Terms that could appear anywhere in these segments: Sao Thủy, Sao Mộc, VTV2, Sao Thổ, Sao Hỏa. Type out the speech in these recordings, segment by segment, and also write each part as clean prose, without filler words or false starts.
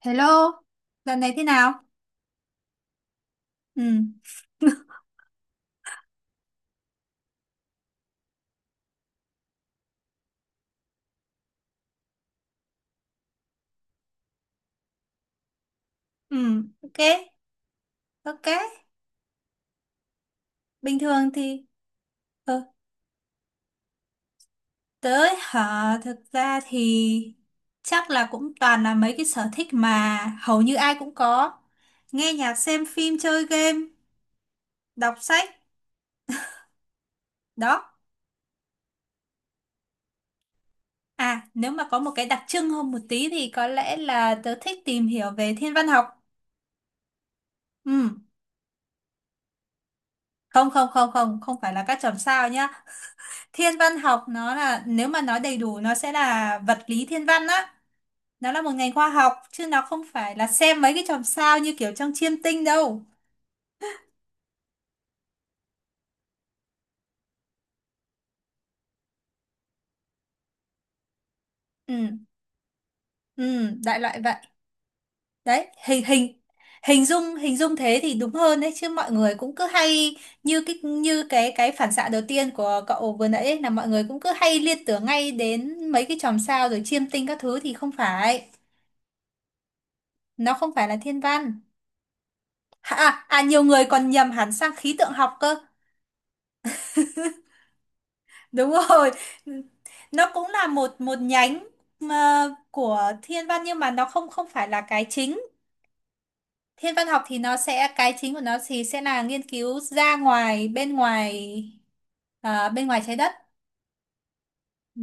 Hello, dạo này thế nào? Ừ, ừ, ok, ok. Bình thường thì, ờ, tới hả? Thực ra thì chắc là cũng toàn là mấy cái sở thích mà hầu như ai cũng có. Nghe nhạc, xem phim, chơi game, đọc sách, đó. À, nếu mà có một cái đặc trưng hơn một tí thì có lẽ là tớ thích tìm hiểu về thiên văn học. Ừ, không, không, không, không, không phải là các chòm sao nhá. Thiên văn học nó là, nếu mà nói đầy đủ nó sẽ là vật lý thiên văn á, nó là một ngành khoa học chứ nó không phải là xem mấy cái chòm sao như kiểu trong chiêm tinh đâu. Ừ, ừ, đại loại vậy, đấy. Hình hình Hình dung thế thì đúng hơn đấy, chứ mọi người cũng cứ hay như cái phản xạ đầu tiên của cậu vừa nãy ấy, là mọi người cũng cứ hay liên tưởng ngay đến mấy cái chòm sao rồi chiêm tinh các thứ thì không phải, nó không phải là thiên văn. À, nhiều người còn nhầm hẳn sang khí tượng học cơ. Đúng rồi. Nó cũng là một một nhánh mà của thiên văn, nhưng mà nó không không phải là cái chính. Thiên văn học thì nó sẽ cái chính của nó thì sẽ là nghiên cứu ra ngoài, bên ngoài, bên ngoài trái đất. Ừ.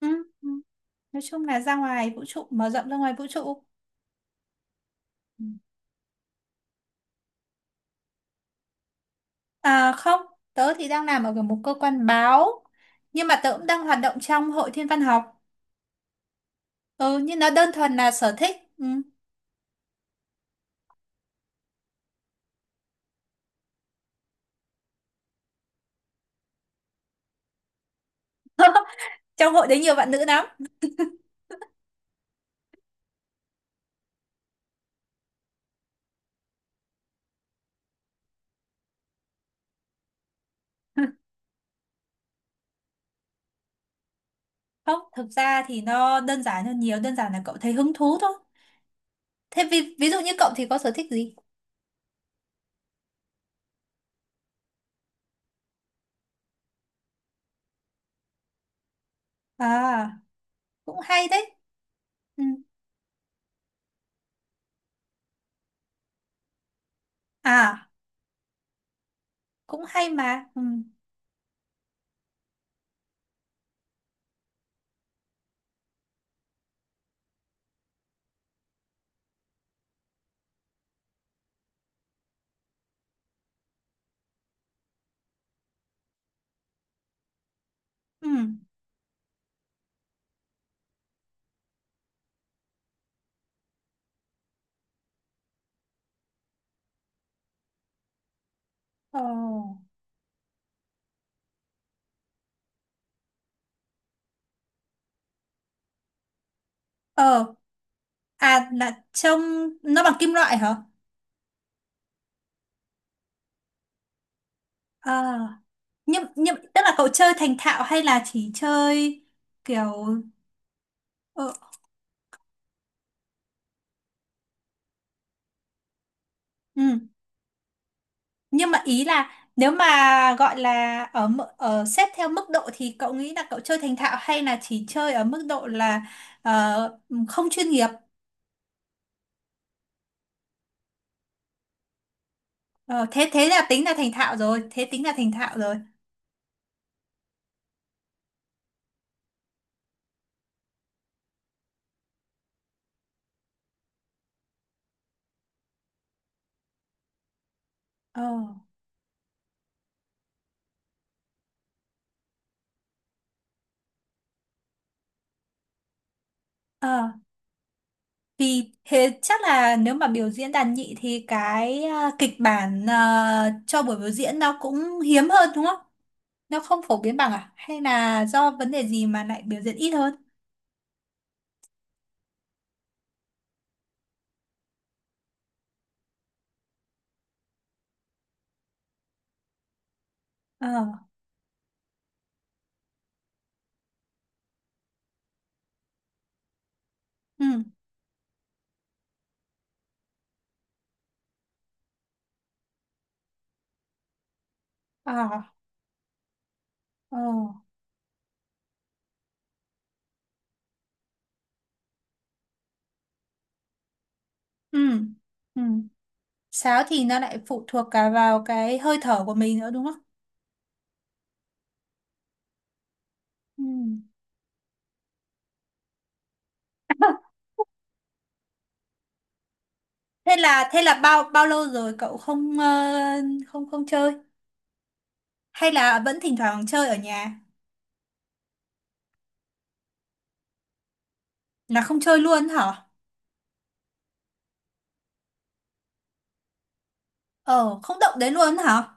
Ừ. Ừ. Nói chung là ra ngoài vũ trụ, mở rộng ra ngoài vũ trụ. Ừ. À không, tớ thì đang làm ở một cơ quan báo nhưng mà tớ cũng đang hoạt động trong hội thiên văn học. Ừ, nhưng nó đơn thuần là sở thích. Ừ. Trong hội đấy nhiều bạn nữ lắm. Không, thực ra thì nó đơn giản hơn nhiều, đơn giản là cậu thấy hứng thú thôi. Thế ví dụ như cậu thì có sở thích gì? À, cũng hay đấy. Ừ. À, cũng hay mà. Ừ. Ừ. Ờ. Ờ. À, là trông nó bằng kim loại hả? À, nhưng tức là cậu chơi thành thạo hay là chỉ chơi kiểu, ờ, ừ. Nhưng mà ý là, nếu mà gọi là ở ở xếp theo mức độ thì cậu nghĩ là cậu chơi thành thạo hay là chỉ chơi ở mức độ là ờ, không chuyên nghiệp. Ờ, thế thế là tính là thành thạo rồi, thế tính là thành thạo rồi. ờ ờ Vì thế chắc là nếu mà biểu diễn đàn nhị thì cái kịch bản cho buổi biểu diễn nó cũng hiếm hơn đúng không? Nó không phổ biến bằng à, hay là do vấn đề gì mà lại biểu diễn ít hơn? Ờ. Ừ. Ờ. Ờ. Ừ. Ừ. Sáo thì nó lại phụ thuộc cả vào cái hơi thở của mình nữa đúng không? Ừ. Thế là bao bao lâu rồi cậu không, không chơi? Hay là vẫn thỉnh thoảng chơi ở nhà? Là không chơi luôn hả? Ờ, không động đến luôn hả?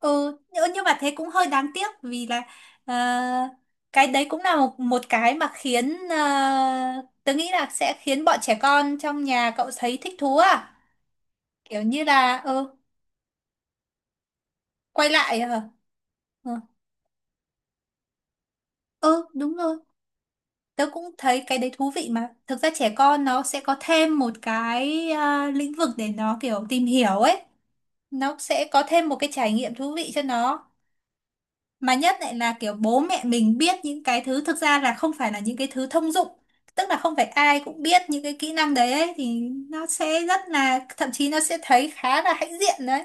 Ừ, nhưng mà thế cũng hơi đáng tiếc vì là, ờ, cái đấy cũng là một một cái mà khiến, tớ nghĩ là sẽ khiến bọn trẻ con trong nhà cậu thấy thích thú à? Kiểu như là quay lại, ờ, ừ, đúng rồi. Tớ cũng thấy cái đấy thú vị mà. Thực ra trẻ con nó sẽ có thêm một cái, lĩnh vực để nó kiểu tìm hiểu ấy. Nó sẽ có thêm một cái trải nghiệm thú vị cho nó. Mà nhất lại là kiểu bố mẹ mình biết những cái thứ thực ra là không phải là những cái thứ thông dụng. Tức là không phải ai cũng biết những cái kỹ năng đấy ấy, thì nó sẽ rất là, thậm chí nó sẽ thấy khá là hãnh diện đấy.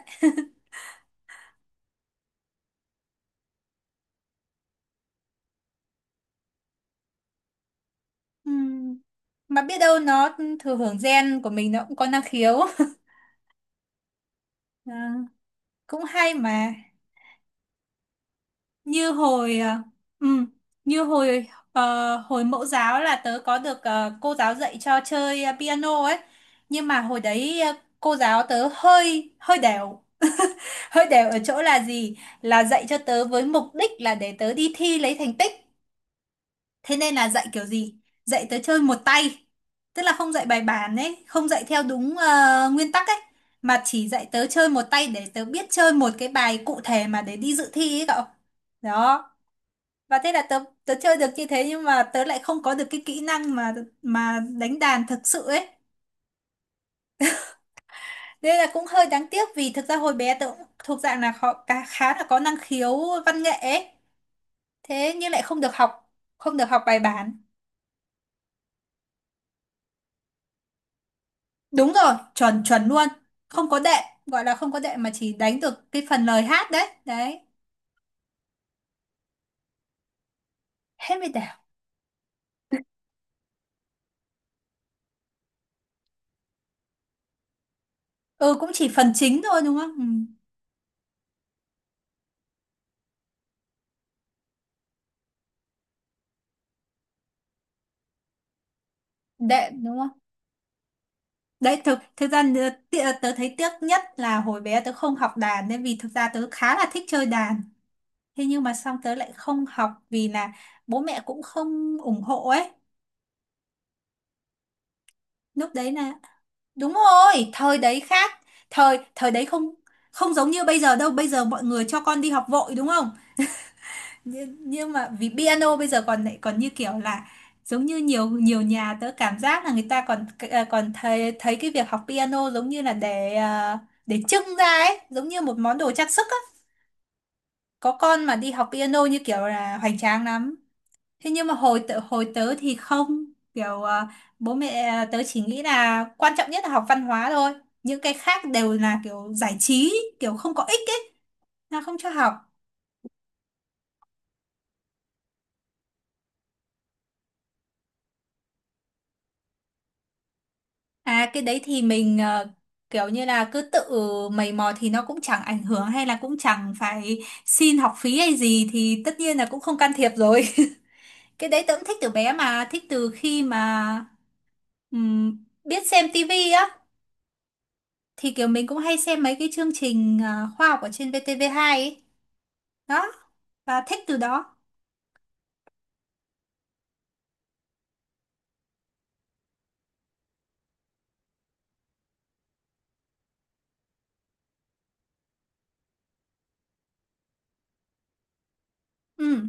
Ừm. Mà biết đâu nó thừa hưởng gen của mình nó cũng có năng khiếu. À, cũng hay mà. Như hồi à, ừ, như hồi ờ, Hồi mẫu giáo là tớ có được, cô giáo dạy cho chơi, piano ấy. Nhưng mà hồi đấy, cô giáo tớ hơi hơi đều. Hơi đều ở chỗ là gì, là dạy cho tớ với mục đích là để tớ đi thi lấy thành tích. Thế nên là dạy kiểu gì, dạy tớ chơi một tay, tức là không dạy bài bản ấy, không dạy theo đúng, nguyên tắc ấy, mà chỉ dạy tớ chơi một tay để tớ biết chơi một cái bài cụ thể mà để đi dự thi ấy cậu. Đó. Và thế là tớ tớ chơi được như thế, nhưng mà tớ lại không có được cái kỹ năng mà đánh đàn thực sự ấy. Đây là cũng hơi đáng tiếc vì thực ra hồi bé tớ cũng thuộc dạng là họ khá là có năng khiếu văn nghệ ấy. Thế nhưng lại không được học bài bản. Đúng rồi, chuẩn chuẩn luôn. Không có đệm, gọi là không có đệm mà chỉ đánh được cái phần lời hát đấy đấy. Hết mới đảo. Ừ, cũng chỉ phần chính thôi đúng không. Ừ. Đệm đúng không. Đấy, thực ra tớ thấy tiếc nhất là hồi bé tớ không học đàn nên vì thực ra tớ khá là thích chơi đàn. Thế nhưng mà xong tớ lại không học vì là bố mẹ cũng không ủng hộ ấy. Lúc đấy là, đúng rồi, thời đấy khác. Thời thời đấy không không giống như bây giờ đâu. Bây giờ mọi người cho con đi học vội đúng không? Nhưng mà vì piano bây giờ còn lại còn như kiểu là giống như nhiều nhiều nhà tớ cảm giác là người ta còn, còn thấy thấy cái việc học piano giống như là để, để trưng ra ấy giống như một món đồ trang sức á. Có con mà đi học piano như kiểu là hoành tráng lắm. Thế nhưng mà hồi tớ thì không kiểu, bố mẹ, tớ chỉ nghĩ là quan trọng nhất là học văn hóa thôi, những cái khác đều là kiểu giải trí, kiểu không có ích ấy, là không cho học. À cái đấy thì mình, kiểu như là cứ tự mày mò thì nó cũng chẳng ảnh hưởng hay là cũng chẳng phải xin học phí hay gì thì tất nhiên là cũng không can thiệp rồi. Cái đấy tớ cũng thích từ bé mà, thích từ khi mà, biết xem tivi á, thì kiểu mình cũng hay xem mấy cái chương trình, khoa học ở trên VTV2 ấy. Đó, và thích từ đó. Ừ.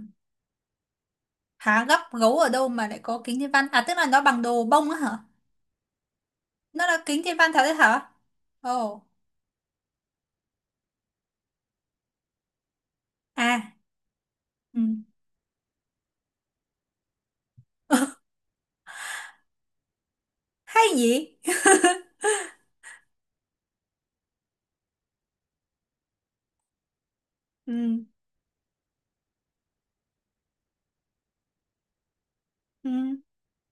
Hả, gấp gấu ở đâu mà lại có kính thiên văn? À tức là nó bằng đồ bông á hả? Nó là kính thiên văn thật đấy hả? Ồ. À. Ừ. Hay nhỉ. Ừ, ừ.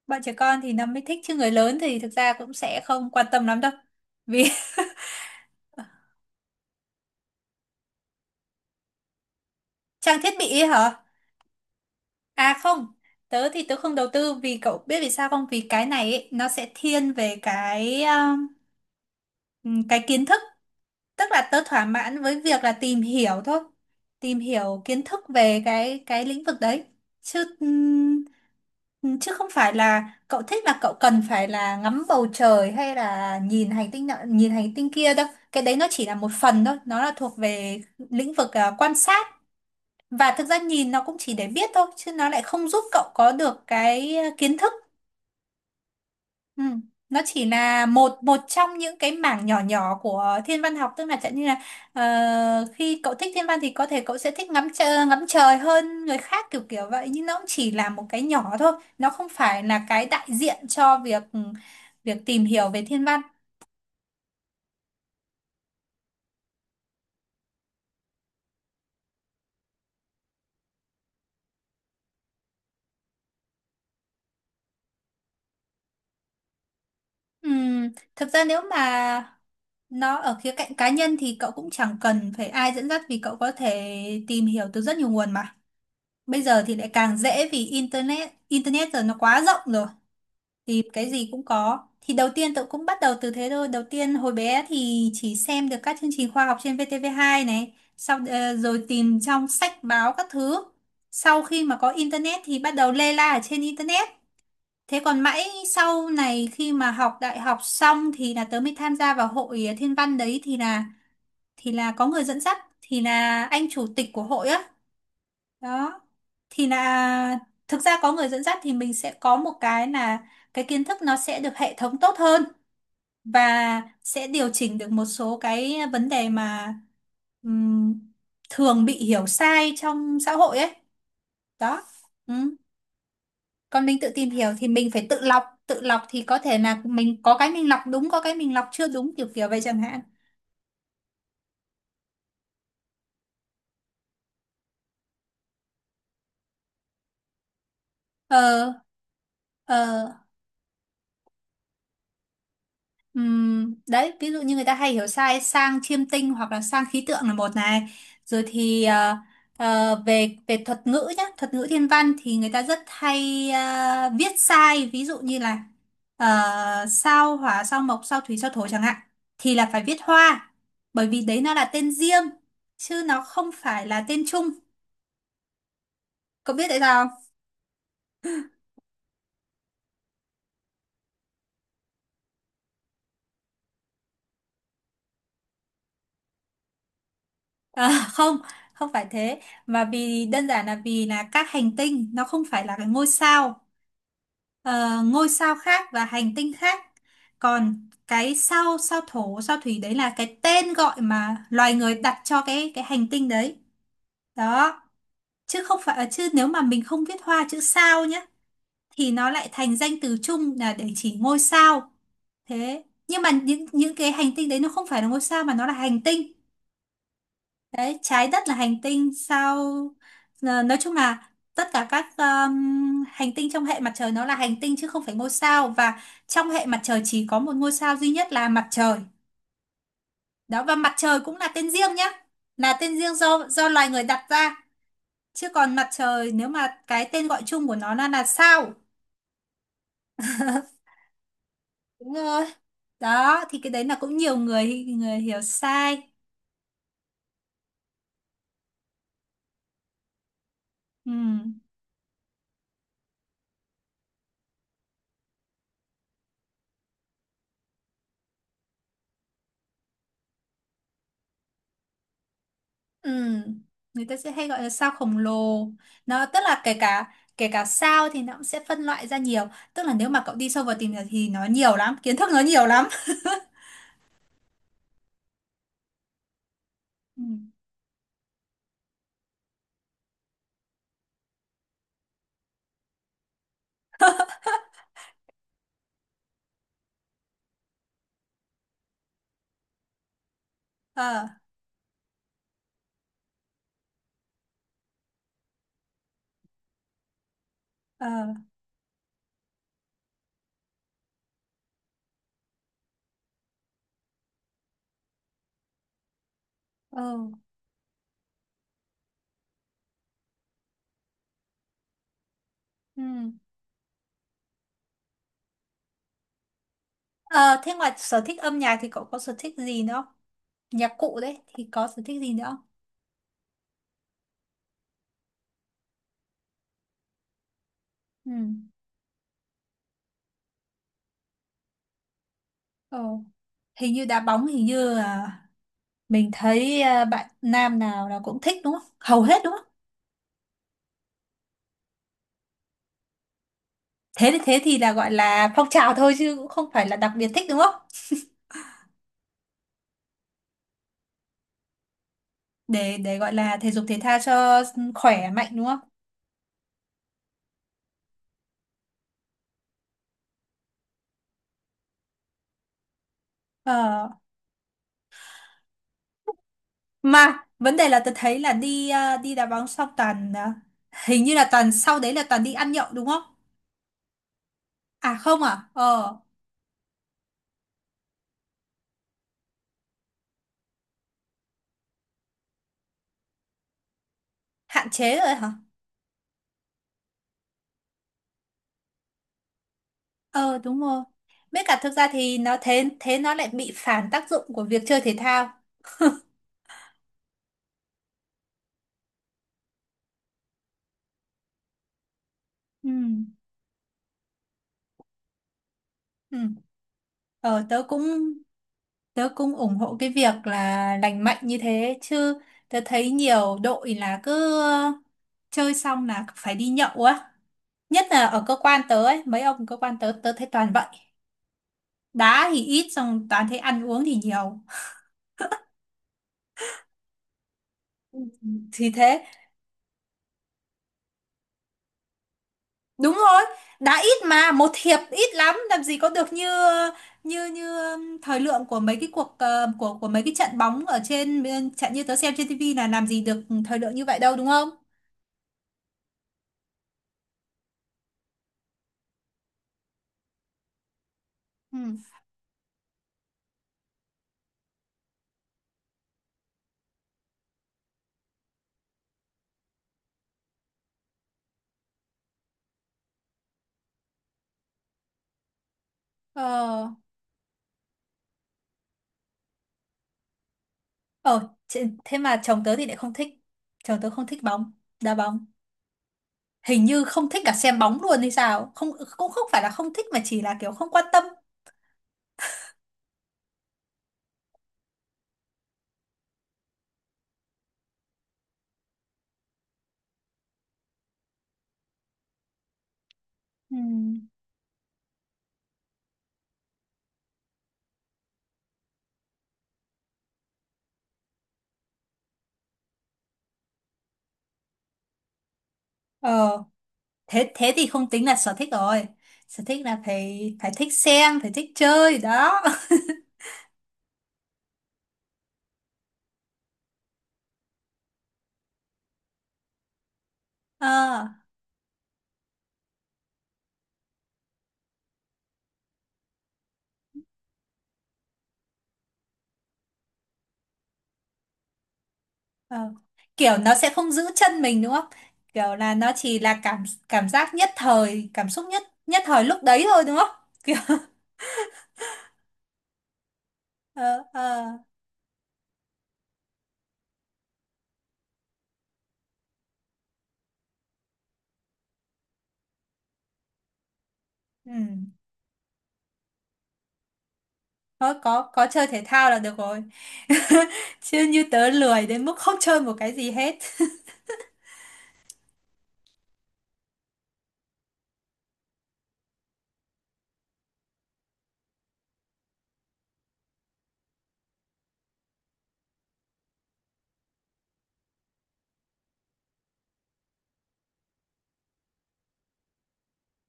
Bọn trẻ con thì nó mới thích chứ người lớn thì thực ra cũng sẽ không quan tâm lắm đâu vì... Trang thiết bị ấy hả? À không, tớ thì tớ không đầu tư vì cậu biết vì sao không, vì cái này ấy, nó sẽ thiên về cái, cái kiến thức, tức là tớ thỏa mãn với việc là tìm hiểu thôi, tìm hiểu kiến thức về cái lĩnh vực đấy, chứ, chứ không phải là cậu thích là cậu cần phải là ngắm bầu trời hay là nhìn hành tinh nọ nhìn hành tinh kia đâu. Cái đấy nó chỉ là một phần thôi, nó là thuộc về lĩnh vực, quan sát. Và thực ra nhìn nó cũng chỉ để biết thôi chứ nó lại không giúp cậu có được cái, kiến thức. Ừ. Nó chỉ là một một trong những cái mảng nhỏ nhỏ của thiên văn học, tức là chẳng như là khi cậu thích thiên văn thì có thể cậu sẽ thích ngắm trời hơn người khác, kiểu kiểu vậy, nhưng nó cũng chỉ là một cái nhỏ thôi. Nó không phải là cái đại diện cho việc tìm hiểu về thiên văn. Ừm, Thực ra nếu mà nó ở khía cạnh cá nhân thì cậu cũng chẳng cần phải ai dẫn dắt, vì cậu có thể tìm hiểu từ rất nhiều nguồn mà bây giờ thì lại càng dễ vì internet internet giờ nó quá rộng rồi, thì cái gì cũng có. Thì đầu tiên tôi cũng bắt đầu từ thế thôi, đầu tiên hồi bé thì chỉ xem được các chương trình khoa học trên VTV2 này, sau rồi tìm trong sách báo các thứ. Sau khi mà có internet thì bắt đầu lê la ở trên internet. Thế còn mãi sau này khi mà học đại học xong thì là tớ mới tham gia vào hội thiên văn đấy, thì là có người dẫn dắt, thì là anh chủ tịch của hội á. Đó, thì là thực ra có người dẫn dắt thì mình sẽ có một cái là cái kiến thức nó sẽ được hệ thống tốt hơn, và sẽ điều chỉnh được một số cái vấn đề mà ừm, thường bị hiểu sai trong xã hội ấy. Đó. Ừ. Còn mình tự tìm hiểu thì mình phải tự lọc, tự lọc thì có thể là mình có cái mình lọc đúng, có cái mình lọc chưa đúng, kiểu kiểu vậy chẳng hạn. ờ ờ Đấy, ví dụ như người ta hay hiểu sai sang chiêm tinh hoặc là sang khí tượng là một này. Rồi thì về về thuật ngữ nhá, thuật ngữ thiên văn thì người ta rất hay viết sai, ví dụ như là ờ, sao hỏa, sao mộc, sao thủy, sao thổ chẳng hạn, thì là phải viết hoa, bởi vì đấy nó là tên riêng chứ nó không phải là tên chung. Cậu biết tại sao không? À, không, không phải thế, mà vì đơn giản là vì là các hành tinh nó không phải là cái ngôi sao. Ờ, ngôi sao khác và hành tinh khác. Còn cái sao sao thổ, sao thủy đấy là cái tên gọi mà loài người đặt cho cái hành tinh đấy. Đó, chứ không phải chứ nếu mà mình không viết hoa chữ sao nhá thì nó lại thành danh từ chung là để chỉ ngôi sao. Thế, nhưng mà những cái hành tinh đấy nó không phải là ngôi sao mà nó là hành tinh. Đấy, trái đất là hành tinh sao. Ờ, nói chung là tất cả các hành tinh trong hệ mặt trời nó là hành tinh chứ không phải ngôi sao, và trong hệ mặt trời chỉ có một ngôi sao duy nhất là mặt trời. Đó, và mặt trời cũng là tên riêng nhá. Là tên riêng do loài người đặt ra, chứ còn mặt trời nếu mà cái tên gọi chung của nó là sao. Đúng rồi. Đó thì cái đấy là cũng nhiều người người hiểu sai. Ừ. Ừ, người ta sẽ hay gọi là sao khổng lồ. Nó tức là kể cả sao thì nó cũng sẽ phân loại ra nhiều. Tức là nếu mà cậu đi sâu vào tìm hiểu thì nó nhiều lắm, kiến thức nó nhiều lắm. Ừ. Ờ, ờ, ờ. Ừ. Ờ, thế ngoài sở thích âm nhạc thì cậu có sở thích gì nữa không? Nhạc cụ đấy thì có sở thích gì nữa không? Ừ. Ờ. Hình như đá bóng, hình như là mình thấy à, bạn nam nào là cũng thích đúng không? Hầu hết đúng không? Thế thì là gọi là phong trào thôi chứ cũng không phải là đặc biệt thích đúng không? Để gọi là thể dục thể thao cho khỏe mạnh đúng không? Ờ, mà vấn đề là tôi thấy là đi đi đá bóng xong toàn hình như là toàn sau đấy là toàn đi ăn nhậu đúng không? À không à? Ờ, hạn chế rồi hả? Ờ đúng rồi. Với cả thực ra thì nó thế thế nó lại bị phản tác dụng của việc chơi thể thao. Ừ. Ừ. Ờ, tớ cũng ủng hộ cái việc là lành mạnh như thế, chứ tớ thấy nhiều đội là cứ chơi xong là phải đi nhậu á, nhất là ở cơ quan tớ ấy, mấy ông cơ quan tớ tớ thấy toàn vậy, đá thì ít xong toàn thấy ăn uống thì nhiều. Thì thế. Đúng rồi. Đá ít mà một hiệp ít lắm làm gì có được như như như thời lượng của mấy cái cuộc của mấy cái trận bóng ở trên bên- trận như tớ xem trên tivi, là làm gì được thời lượng như vậy đâu đúng không? Ừ. ờ ờ thế thế mà chồng tớ thì lại không thích. Chồng tớ không thích bóng đá bóng, hình như không thích cả xem bóng luôn hay sao không. Cũng không phải là không thích mà chỉ là kiểu không quan tâm. Ừ. Ờ thế thế thì không tính là sở thích rồi. Sở thích là phải phải thích xem, phải thích chơi đó. Ờ ờ. Kiểu nó sẽ không giữ chân mình đúng không? Kiểu là nó chỉ là cảm cảm giác nhất thời, cảm xúc nhất nhất thời lúc đấy thôi đúng không? Kiểu ờ ờ ừ thôi, có chơi thể thao là được rồi. Chứ như tớ lười đến mức không chơi một cái gì hết.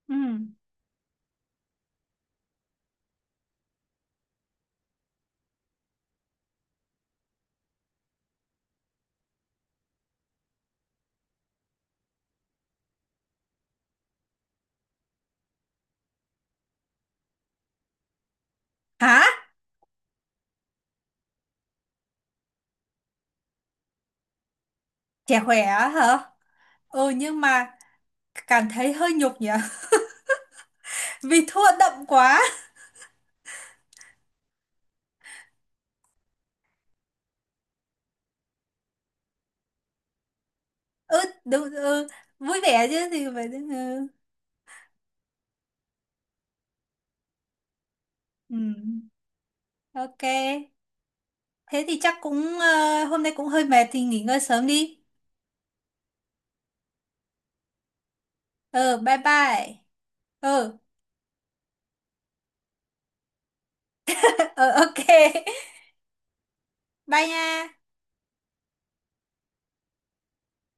Ừ. Hả? Trẻ khỏe á hả? Ừ nhưng mà cảm thấy hơi nhục nhỉ? Vì thua đậm quá. Ừ, đúng, ừ. Vui vẻ chứ thì phải, ừ. Ừ. Ok. Thế thì chắc cũng hôm nay cũng hơi mệt thì nghỉ ngơi sớm đi. Ừ, bye bye. Ừ, ừ ok. Bye nha.